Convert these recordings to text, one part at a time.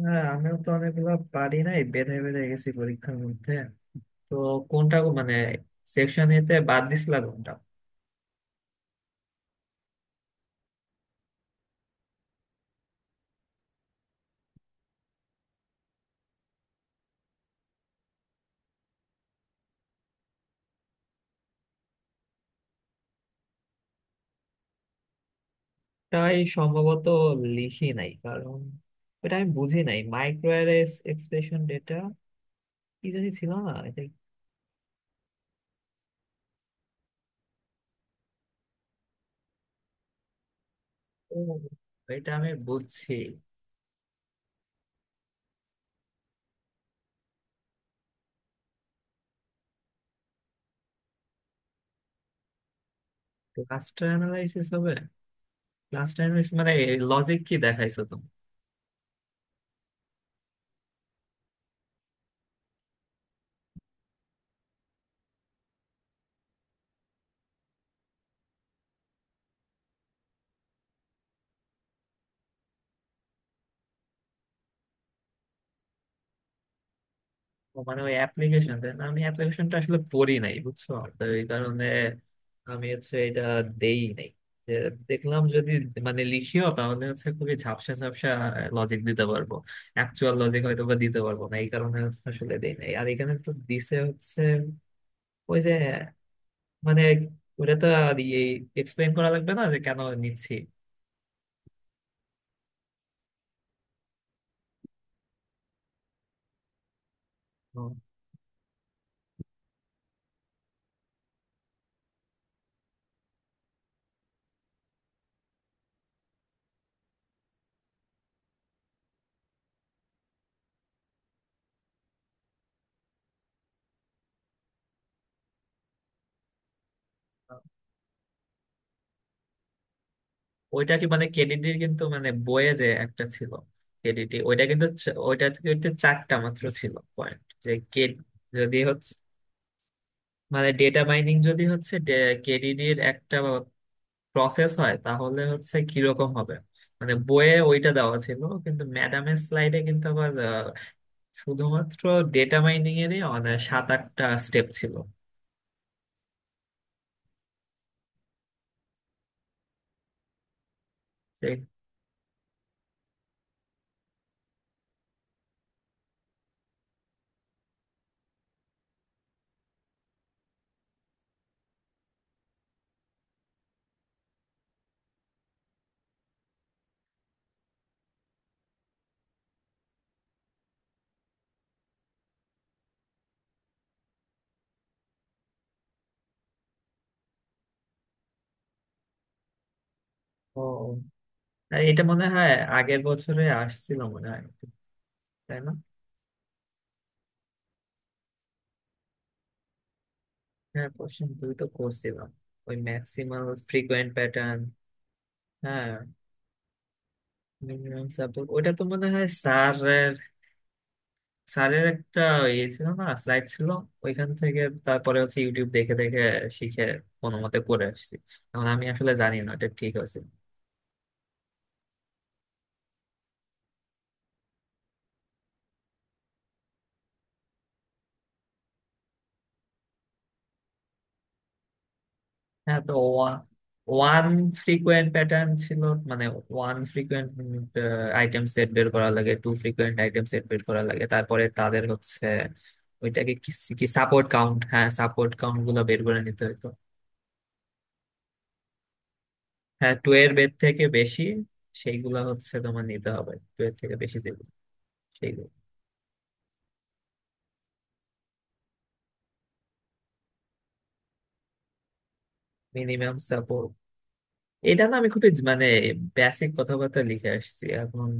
হ্যাঁ, আমিও তো অনেকগুলো পারি নাই, বেঁধে বেঁধে গেছি পরীক্ষার মধ্যে। তো কোনটা গো- সেকশন এতে বাদ দিছিলা কোনটা? তাই সম্ভবত লিখি নাই, কারণ এটা আমি বুঝি নাই। মাইক্রো এক্সপ্রেশন ডেটা কি জানি, ছিল না এটা। ও, এটা আমি বুঝছি। ক্লাস্টার অ্যানালাইসিস হবে। ক্লাস্টার অ্যানালাইসিস মানে লজিক কি দেখাইছো? ও ওই অ্যাপ্লিকেশন না, আমি অ্যাপ্লিকেশনটা আসলে পড়ি নাই বুঝছো। তো এই কারণে আমি এটা দেই নাই। যে দেখলাম, যদি লিখিও, তাহলে খুবই ঝাপসা ঝাপসা লজিক দিতে পারবো, অ্যাকচুয়াল লজিক হয়তো বা দিতে পারবো না। এই কারণে আসলে দেই নাই। আর এখানে তো দিছে হচ্ছে ওই যে মানে ওটা তো আর এক্সপ্লেন করা লাগবে না যে কেন নিচ্ছি। ওইটা কি কেডিডির, কিন্তু মানে বইয়ে যে একটা ছিল কেডিডি, ওইটা কিন্তু চ- ওইটা কিন্তু চারটা মাত্র ছিল পয়েন্ট যে কে। যদি হচ্ছে মানে ডেটা মাইনিং যদি কেডিডির একটা প্রসেস হয়, তাহলে কিরকম হবে? মানে বইয়ে ওইটা দেওয়া ছিল, কিন্তু ম্যাডামের স্লাইডে কিন্তু আবার শুধুমাত্র ডেটা মাইনিং এরই মানে 7-8টা স্টেপ ছিল। সেই- ও, আর এটা মনে হয় আগের বছরে আসছিল মনে হয়, তাই না? হ্যাঁ, কোশ্চেন দুই তো করছিলাম, ওই ম্যাক্সিমাল ফ্রিকোয়েন্ট প্যাটার্ন। হ্যাঁ, মিনিমাম সাপোর্ট ওইটা তো মনে হয় স্যারের স্যারের একটা ইয়ে ছিল না, স্লাইড ছিল, ওইখান থেকে। তারপরে ইউটিউব দেখে দেখে শিখে কোনো মতে করে আসছি। এখন আমি আসলে জানি না এটা ঠিক আছে। হ্যাঁ, তো ওয়ান ফ্রিকোয়েন্ট প্যাটার্ন ছিল, মানে ওয়ান ফ্রিকোয়েন্ট আইটেম সেট বের করা লাগে, টু ফ্রিকোয়েন্ট আইটেম সেট বের করা লাগে, তারপরে তাদের ওইটাকে কি কি সাপোর্ট কাউন্ট, হ্যাঁ সাপোর্ট কাউন্ট গুলো বের করে নিতে হতো। হ্যাঁ, টু এর বের থেকে বেশি, সেইগুলা তোমার নিতে হবে, টু এর থেকে বেশি যেগুলো, সেইগুলো। মিনিমাম সাপোর্ট, এটা না আমি খুবই বেসিক কথাবার্তা লিখে আসছি এখন।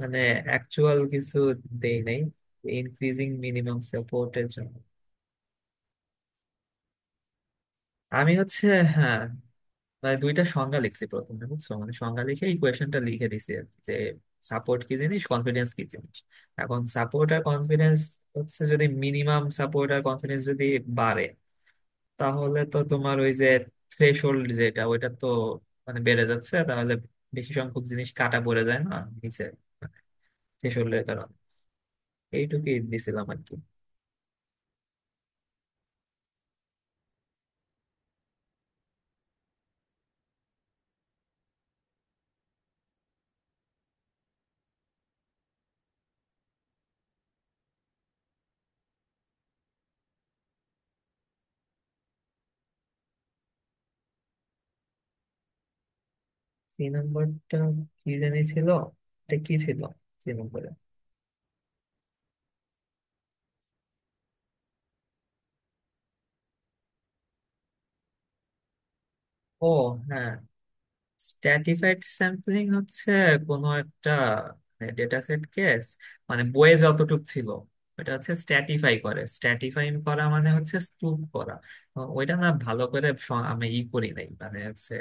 মানে অ্যাকচুয়াল কিছু দেই নাই ইনক্রিজিং মিনিমাম সাপোর্টের জন্য। আমি হ্যাঁ, মানে দুইটা সংজ্ঞা লিখছি প্রথমে বুঝছো, মানে সংজ্ঞা লিখে এই কোয়েশনটা লিখে দিছি আর কি, যে সাপোর্ট কি জিনিস, কনফিডেন্স কি জিনিস। এখন সাপোর্ট আর কনফিডেন্স যদি মিনিমাম সাপোর্ট আর কনফিডেন্স যদি বাড়ে, তাহলে তো তোমার ওই যে থ্রেশহোল্ড যেটা, ওইটা তো বেড়ে যাচ্ছে, তাহলে বেশি সংখ্যক জিনিস কাটা পড়ে যায় না নিচে, থ্রেশহোল্ডের কারণে। এইটুকুই দিছিলাম আর কি। সি নাম্বারটা কি জানি ছিল, এটা কি ছিল সি নম্বরে? ও হ্যাঁ, স্ট্র্যাটিফাইড স্যাম্পলিং হচ্ছে কোনো একটা ডেটা সেট কেস, মানে বইয়ে যতটুক ছিল, ওটা হচ্ছে স্ট্র্যাটিফাই করে, স্ট্র্যাটিফাই করা মানে হচ্ছে স্তূপ করা। ওইটা না ভালো করে স- আমি ই করি নাই মানে হচ্ছে।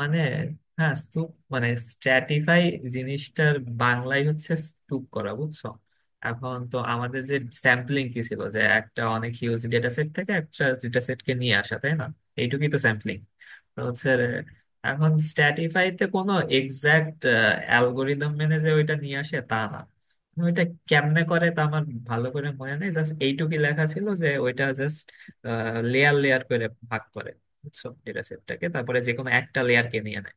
মানে হ্যাঁ, স্তূপ মানে স্ট্র্যাটিফাই, জিনিসটার বাংলায় হচ্ছে স্তূপ করা বুঝছো। এখন তো আমাদের যে স্যাম্পলিং কি ছিল, যে একটা অনেক হিউজ ডেটা সেট থেকে একটা ডেটা সেটকে নিয়ে আসা, তাই না? এইটুকুই তো স্যাম্পলিং। তো হচ্ছে রে, এখন স্ট্র্যাটিফাইতে কোনো এক্সাক্ট অ্যালগোরিদম মেনে যে ওইটা নিয়ে আসে তা না। আমি ওইটা কেমনে করে তা আমার ভালো করে মনে নেই। জাস্ট এইটুকুই লেখা ছিল যে ওইটা জাস্ট লেয়ার লেয়ার করে ভাগ করে বুঝছো ডেটা সেটটাকে, তারপরে যে কোনো একটা লেয়ারকে নিয়ে নেয়।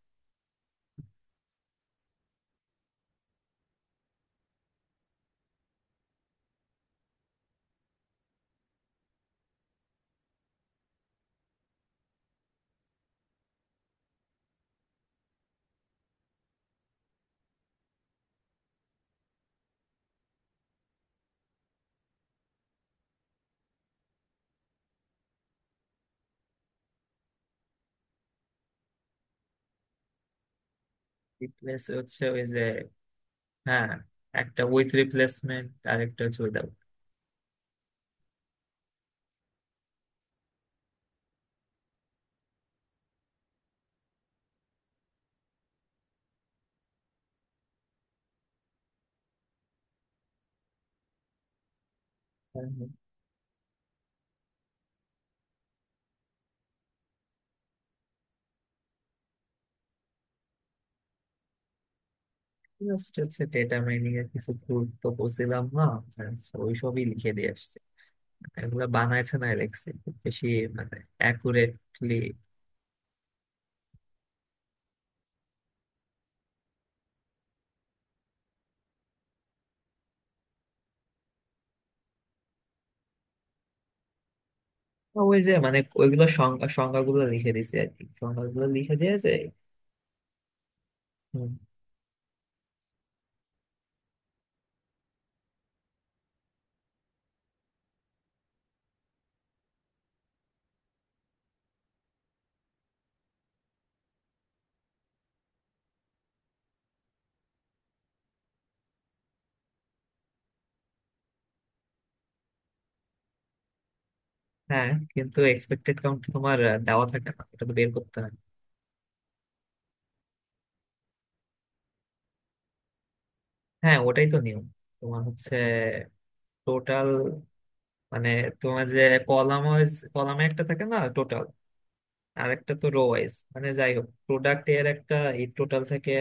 রিপ্লেস হচ্ছে ওই যে, হ্যাঁ একটা উইথ রিপ্লেসমেন্ট আর একটা হচ্ছে উইদাউট। জাস্ট ডেটা মাইনিং এর কিছু গুরুত্ব বুঝছিলাম না, just ওইসবই লিখে দিয়ে আসছি। এগুলো বানাইছে না, লিখছি খুব বেশি। অ্যাকুরেটলি। ওই যে ওইগুলো সংজ্ঞা, সংজ্ঞাগুলো লিখে দিয়েছি আর কি সংজ্ঞাগুলো লিখে দিয়েছে হুম, হ্যাঁ কিন্তু এক্সপেক্টেড কাউন্ট তোমার দেওয়া থাকে না, এটা তো বের করতে হয়। হ্যাঁ, ওটাই তো নিয়ম। তোমার টোটাল, মানে তোমার যে কলাম ওয়াইজ, কলামে একটা থাকে না টোটাল, আর একটা তো রো ওয়াইজ, মানে যাই হোক, প্রোডাক্ট এর একটা এই টোটাল থাকে,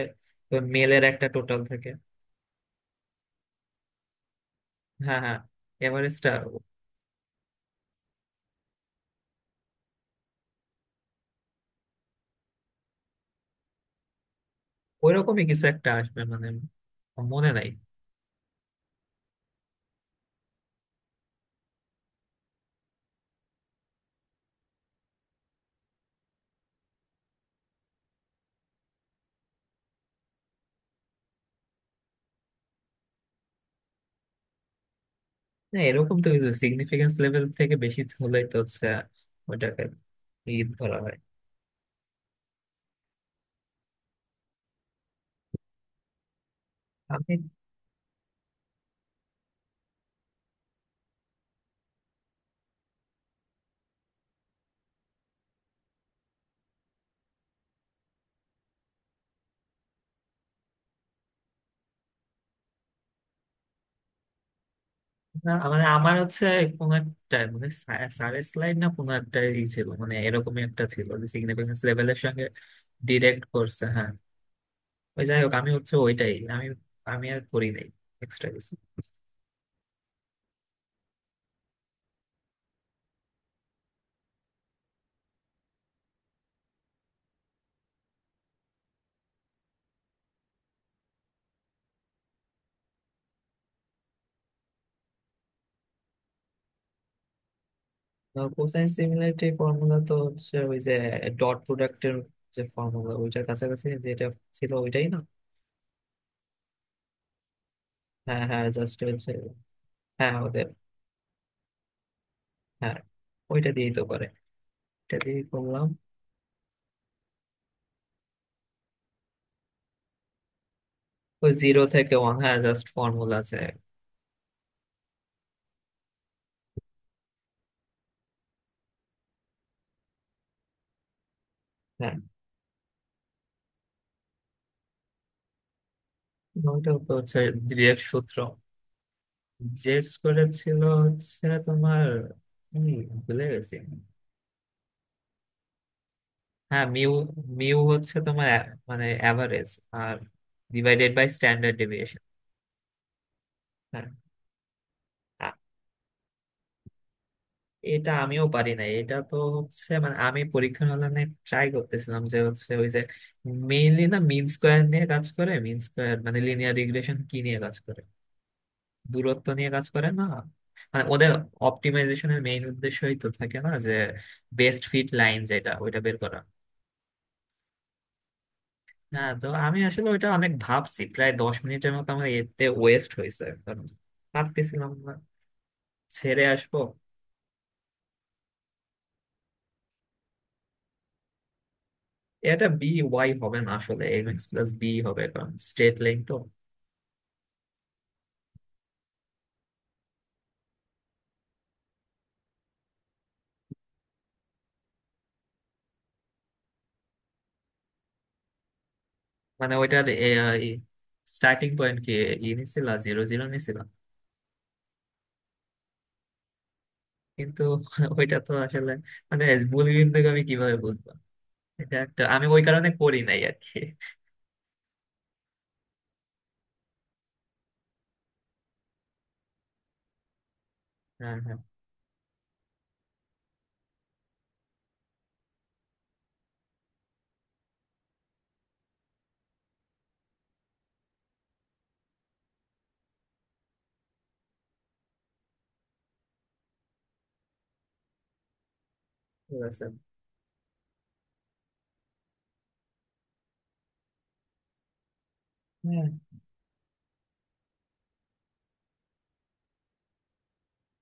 মেলের একটা টোটাল থাকে। হ্যাঁ হ্যাঁ, এভারেজটা ওইরকমই কিছু একটা আসবে মনে নাই। না, এরকম তো কিছু, সিগনিফিকেন্স লেভেল থেকে বেশি হলেই তো ওটাকে ঈদ ধরা হয়। আমি না, আমার কোনো একটা সারের স্লাইড না কোনো একটা ই ছিল, মানে এরকমই একটা ছিল যে সিগনিফিকেন্স লেভেলের সঙ্গে ডিরেক্ট করছে, হ্যাঁ। ওই যাই হোক, আমি ওইটাই আমি, আমি আর করি নাই এক্সট্রা কিছু। কোসাইন সিমিলারিটি ফর্মুলা তো হচ্ছে ওই যে ডট প্রোডাক্টের যে ফর্মুলা, ওইটার কাছাকাছি যেটা ছিল ওইটাই না। হ্যাঁ হ্যাঁ, জাস্ট হচ্ছে, হ্যাঁ ওদের, হ্যাঁ ওইটা দিয়েই তো করে, এটা দিয়ে করলাম। ওই জিরো থেকে ওয়ান, হ্যাঁ জাস্ট ফর্মুলা আছে। হ্যাঁ, ওইটা তো হচ্ছে ডিরেক্ট সূত্র, জেড স্কোয়ার ছিল হচ্ছে তোমার, উম, ভুলে গেছি। হ্যাঁ মিউ, মিউ হচ্ছে তোমার এ- অ্যাভারেজ, আর ডিভাইডেড বাই স্ট্যান্ডার্ড ডেভিয়েশন। হ্যাঁ আ- এটা আমিও পারি না। এটা তো হচ্ছে আমি পরীক্ষার হলে ট্রাই করতেছিলাম যে ওই যে মেইনলি না, মিন স্কোয়ার নিয়ে কাজ করে। মিন স্কোয়ার লিনিয়ার রিগ্রেশন কি নিয়ে কাজ করে, দূরত্ব নিয়ে কাজ করে না? ওদের অপটিমাইজেশনের মেইন উদ্দেশ্যই তো থাকে না যে বেস্ট ফিট লাইন যেটা, ওইটা বের করা। হ্যাঁ, তো আমি আসলে ওইটা অনেক ভাবছি, প্রায় 10 মিনিটের মতো আমার এতে ওয়েস্ট হয়েছে। কারণ ভাবতেছিলাম না, ছেড়ে আসবো। এটা বি ওয়াই হবে না আসলে, এম এক্স প্লাস বি হবে, কারণ স্ট্রেট লাইন তো। মানে ওইটার স্টার্টিং পয়েন্ট কি, ই নিছিল, জিরো জিরো নিছিল। কিন্তু ওইটা তো আসলে মানে মূলবিন্দুকে আমি কিভাবে বুঝবো, এটা একটা, আমি ওই কারণে করি নাই আর কি। হ্যাঁ হ্যাঁ, ঠিক আছে, হ্যাঁ।